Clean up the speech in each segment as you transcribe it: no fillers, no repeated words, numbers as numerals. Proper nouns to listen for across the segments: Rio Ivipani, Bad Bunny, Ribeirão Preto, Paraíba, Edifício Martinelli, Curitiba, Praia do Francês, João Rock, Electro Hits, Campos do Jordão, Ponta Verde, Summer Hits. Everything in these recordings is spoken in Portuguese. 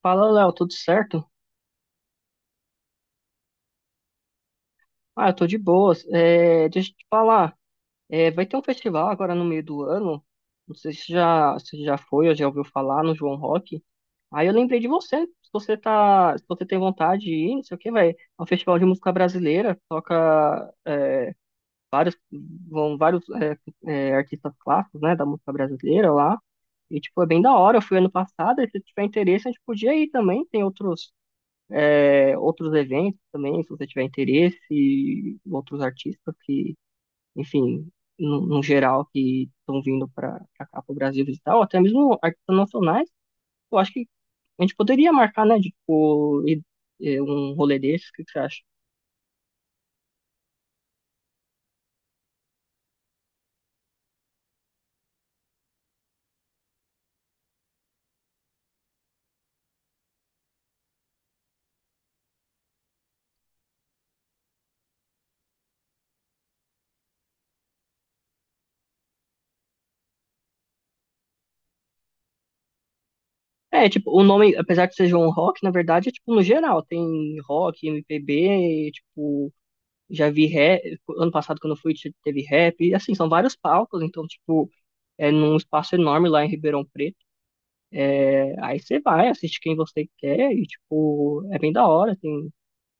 Fala, Léo, tudo certo? Ah, eu tô de boas. Deixa eu te falar, vai ter um festival agora no meio do ano. Não sei se já foi ou já ouviu falar no João Rock. Aí eu lembrei de você. Se você tá, se você tem vontade de ir, não sei o que, vai. É um festival de música brasileira. Toca vários, vão vários artistas clássicos, né, da música brasileira lá. E tipo é bem da hora. Eu fui ano passado. E se tiver interesse, a gente podia ir também. Tem outros outros eventos também, se você tiver interesse, outros artistas que, enfim, no geral, que estão vindo para cá, para o Brasil visitar, ou até mesmo artistas nacionais, eu acho que a gente poderia marcar, né, de, tipo, um rolê desse, o que que você acha? É, tipo, o nome, apesar que seja um rock, na verdade, é tipo no geral, tem rock, MPB, tipo, já vi rap, ano passado quando eu fui teve rap, e assim, são vários palcos, então, tipo, é num espaço enorme lá em Ribeirão Preto. Aí você vai, assiste quem você quer e, tipo, é bem da hora. Tem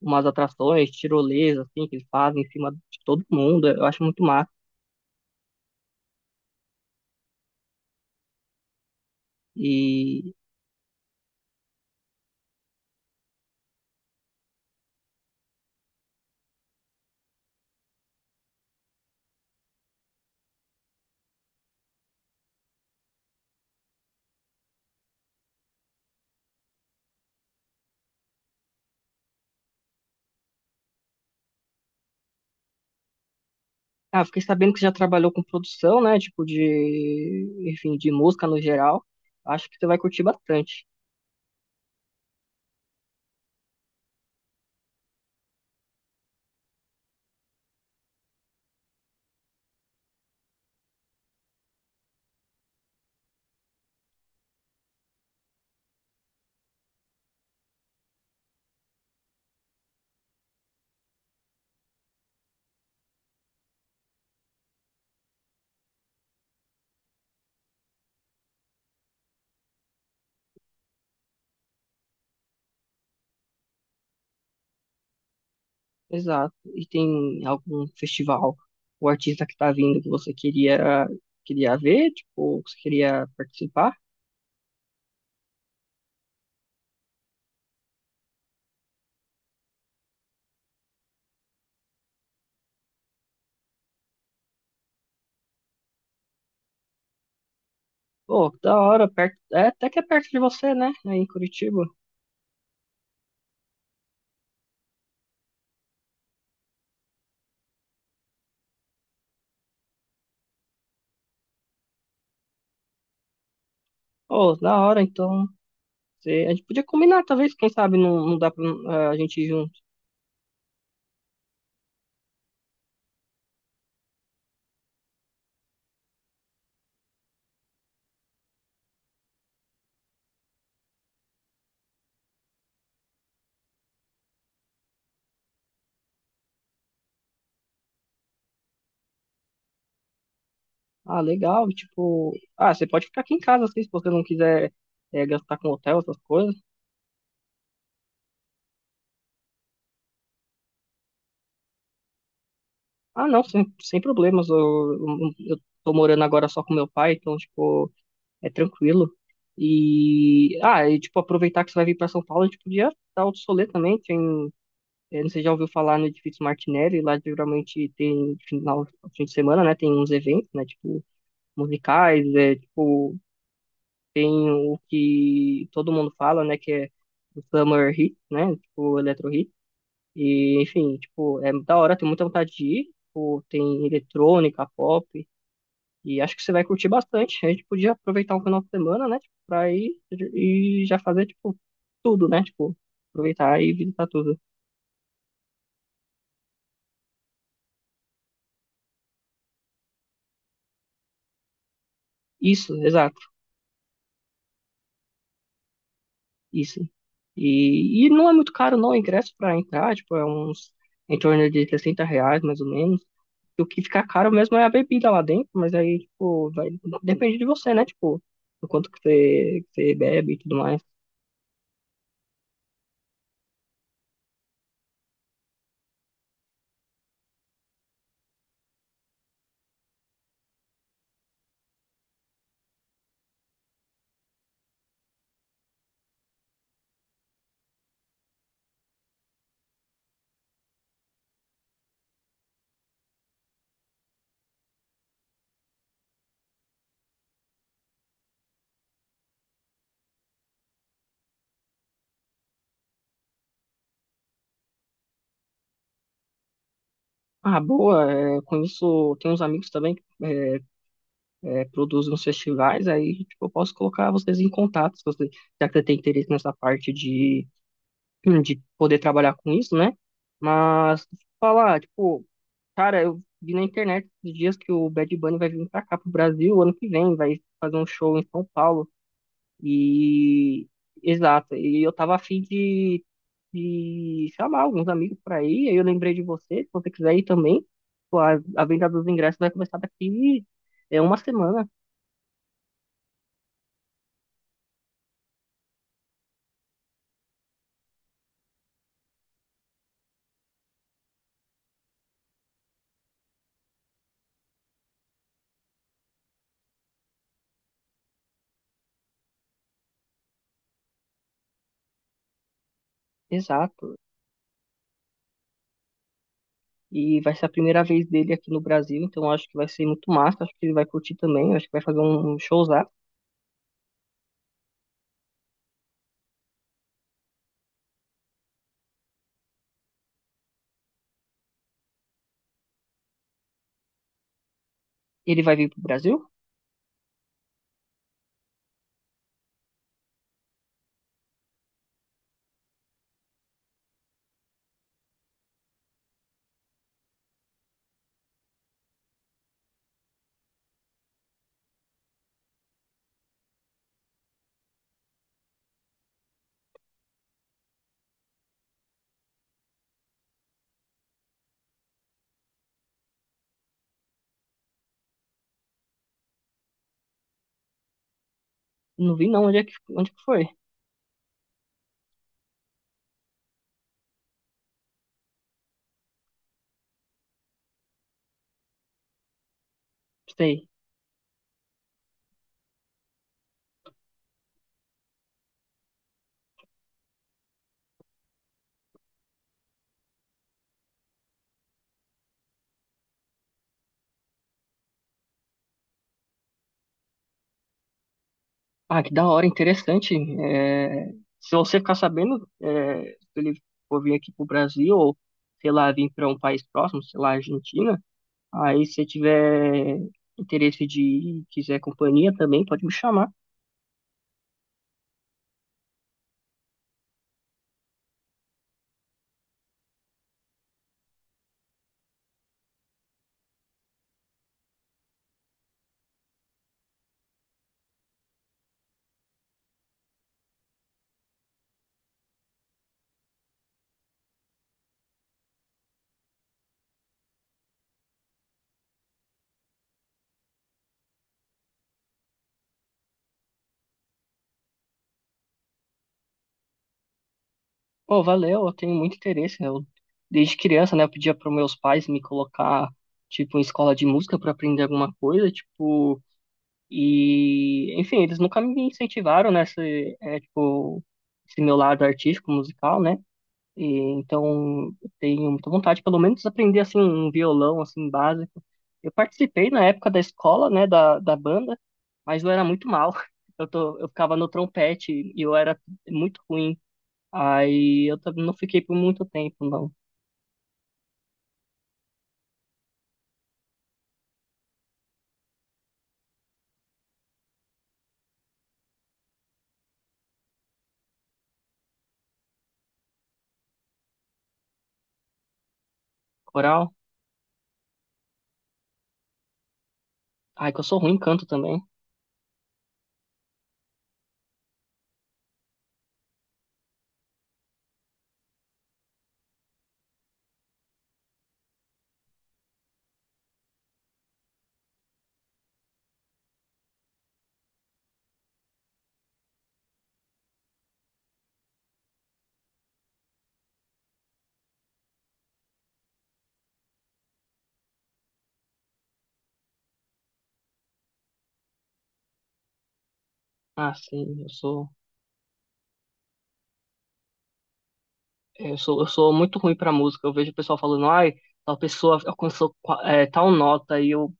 umas atrações, tirolesa, assim, que eles fazem em cima de todo mundo. Eu acho muito massa. E, ah, fiquei sabendo que você já trabalhou com produção, né? Tipo, de, enfim, de música no geral. Acho que você vai curtir bastante. Exato. E tem algum festival, o artista que tá vindo que você queria, queria ver, tipo, ou que você queria participar? Pô, que da hora, perto, é, até que é perto de você, né? Aí em Curitiba. Oh, da hora, então. A gente podia combinar, talvez, quem sabe não, não dá pra a gente ir junto. Ah, legal, tipo. Ah, você pode ficar aqui em casa, assim, se você não quiser gastar com hotel, essas coisas. Ah, não, sem problemas. Eu tô morando agora só com meu pai, então, tipo, é tranquilo. E. Ah, e, tipo, aproveitar que você vai vir pra São Paulo, a gente podia dar outro solê também. Tem, não sei se já ouviu falar no Edifício Martinelli, lá geralmente tem fim de semana, né? Tem uns eventos, né? Tipo musicais, é, tipo, tem o que todo mundo fala, né, que é o Summer Hits, né, tipo, o Electro Hits, e, enfim, tipo, é da hora, tem muita vontade de ir, tipo, tem eletrônica, pop, e acho que você vai curtir bastante, a gente podia aproveitar um final de semana, né, tipo, pra ir e já fazer, tipo, tudo, né, tipo, aproveitar e visitar tudo. Isso, exato. Isso. E não é muito caro não o ingresso para entrar, tipo, é uns em torno de R$ 60, mais ou menos. E o que fica caro mesmo é a bebida lá dentro, mas aí, tipo, vai, depende de você, né? Tipo, do quanto que você bebe e tudo mais. Ah, boa, é, com isso tem uns amigos também que produzem uns festivais, aí, tipo, eu posso colocar vocês em contato, se você, já que você tem interesse nessa parte de de poder trabalhar com isso, né? Mas deixa eu falar, tipo, cara, eu vi na internet esses dias que o Bad Bunny vai vir pra cá pro Brasil ano que vem, vai fazer um show em São Paulo. E exato, e eu tava afim de chamar alguns amigos pra ir, aí eu lembrei de você, se você quiser ir também, pô, a venda dos ingressos vai começar daqui é uma semana, exato. E vai ser a primeira vez dele aqui no Brasil, então eu acho que vai ser muito massa, acho que ele vai curtir também, acho que vai fazer um showzão. Ele vai vir pro Brasil? Não vi não, onde é que, onde que foi? Sei. Ah, que da hora, interessante. É, se você ficar sabendo, é, se ele for vir aqui pro Brasil, ou sei lá, vir para um país próximo, sei lá, Argentina, aí se você tiver interesse de ir, quiser companhia também, pode me chamar. Pô, valeu, eu tenho muito interesse. Eu, desde criança, né, eu pedia para meus pais me colocar, tipo, em escola de música para aprender alguma coisa, tipo. E, enfim, eles nunca me incentivaram nessa, é, tipo, esse meu lado artístico, musical, né? E, então, eu tenho muita vontade, pelo menos, de aprender, assim, um violão, assim, básico. Eu participei na época da escola, né, da banda, mas eu era muito mal. Eu ficava no trompete e eu era muito ruim. Aí eu também não fiquei por muito tempo, não. Coral? Ai, que eu sou ruim em canto também. Ah, sim, eu sou. É, eu sou muito ruim pra música. Eu vejo o pessoal falando, ai, tal pessoa alcançou tal nota. E eu,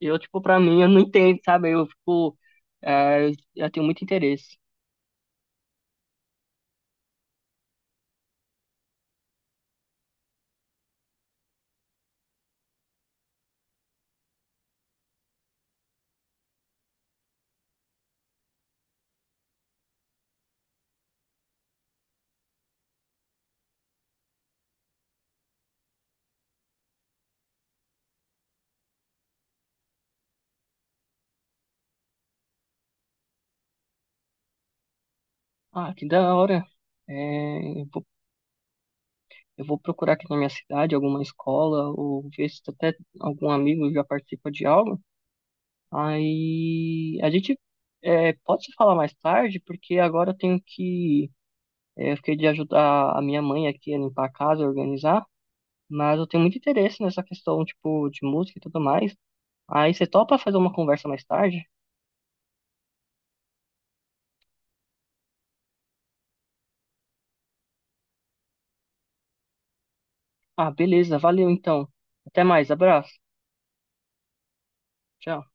eu, tipo, pra mim, eu não entendo, sabe? Eu fico. Eu tenho muito interesse. Ah, que da hora. É, eu vou, eu vou procurar aqui na minha cidade alguma escola, ou ver se até algum amigo já participa de algo. Aí a gente pode se falar mais tarde, porque agora eu tenho que. Eu fiquei de ajudar a minha mãe aqui a limpar a casa, a organizar. Mas eu tenho muito interesse nessa questão, tipo, de música e tudo mais. Aí você topa fazer uma conversa mais tarde? Ah, beleza, valeu então. Até mais, abraço. Tchau.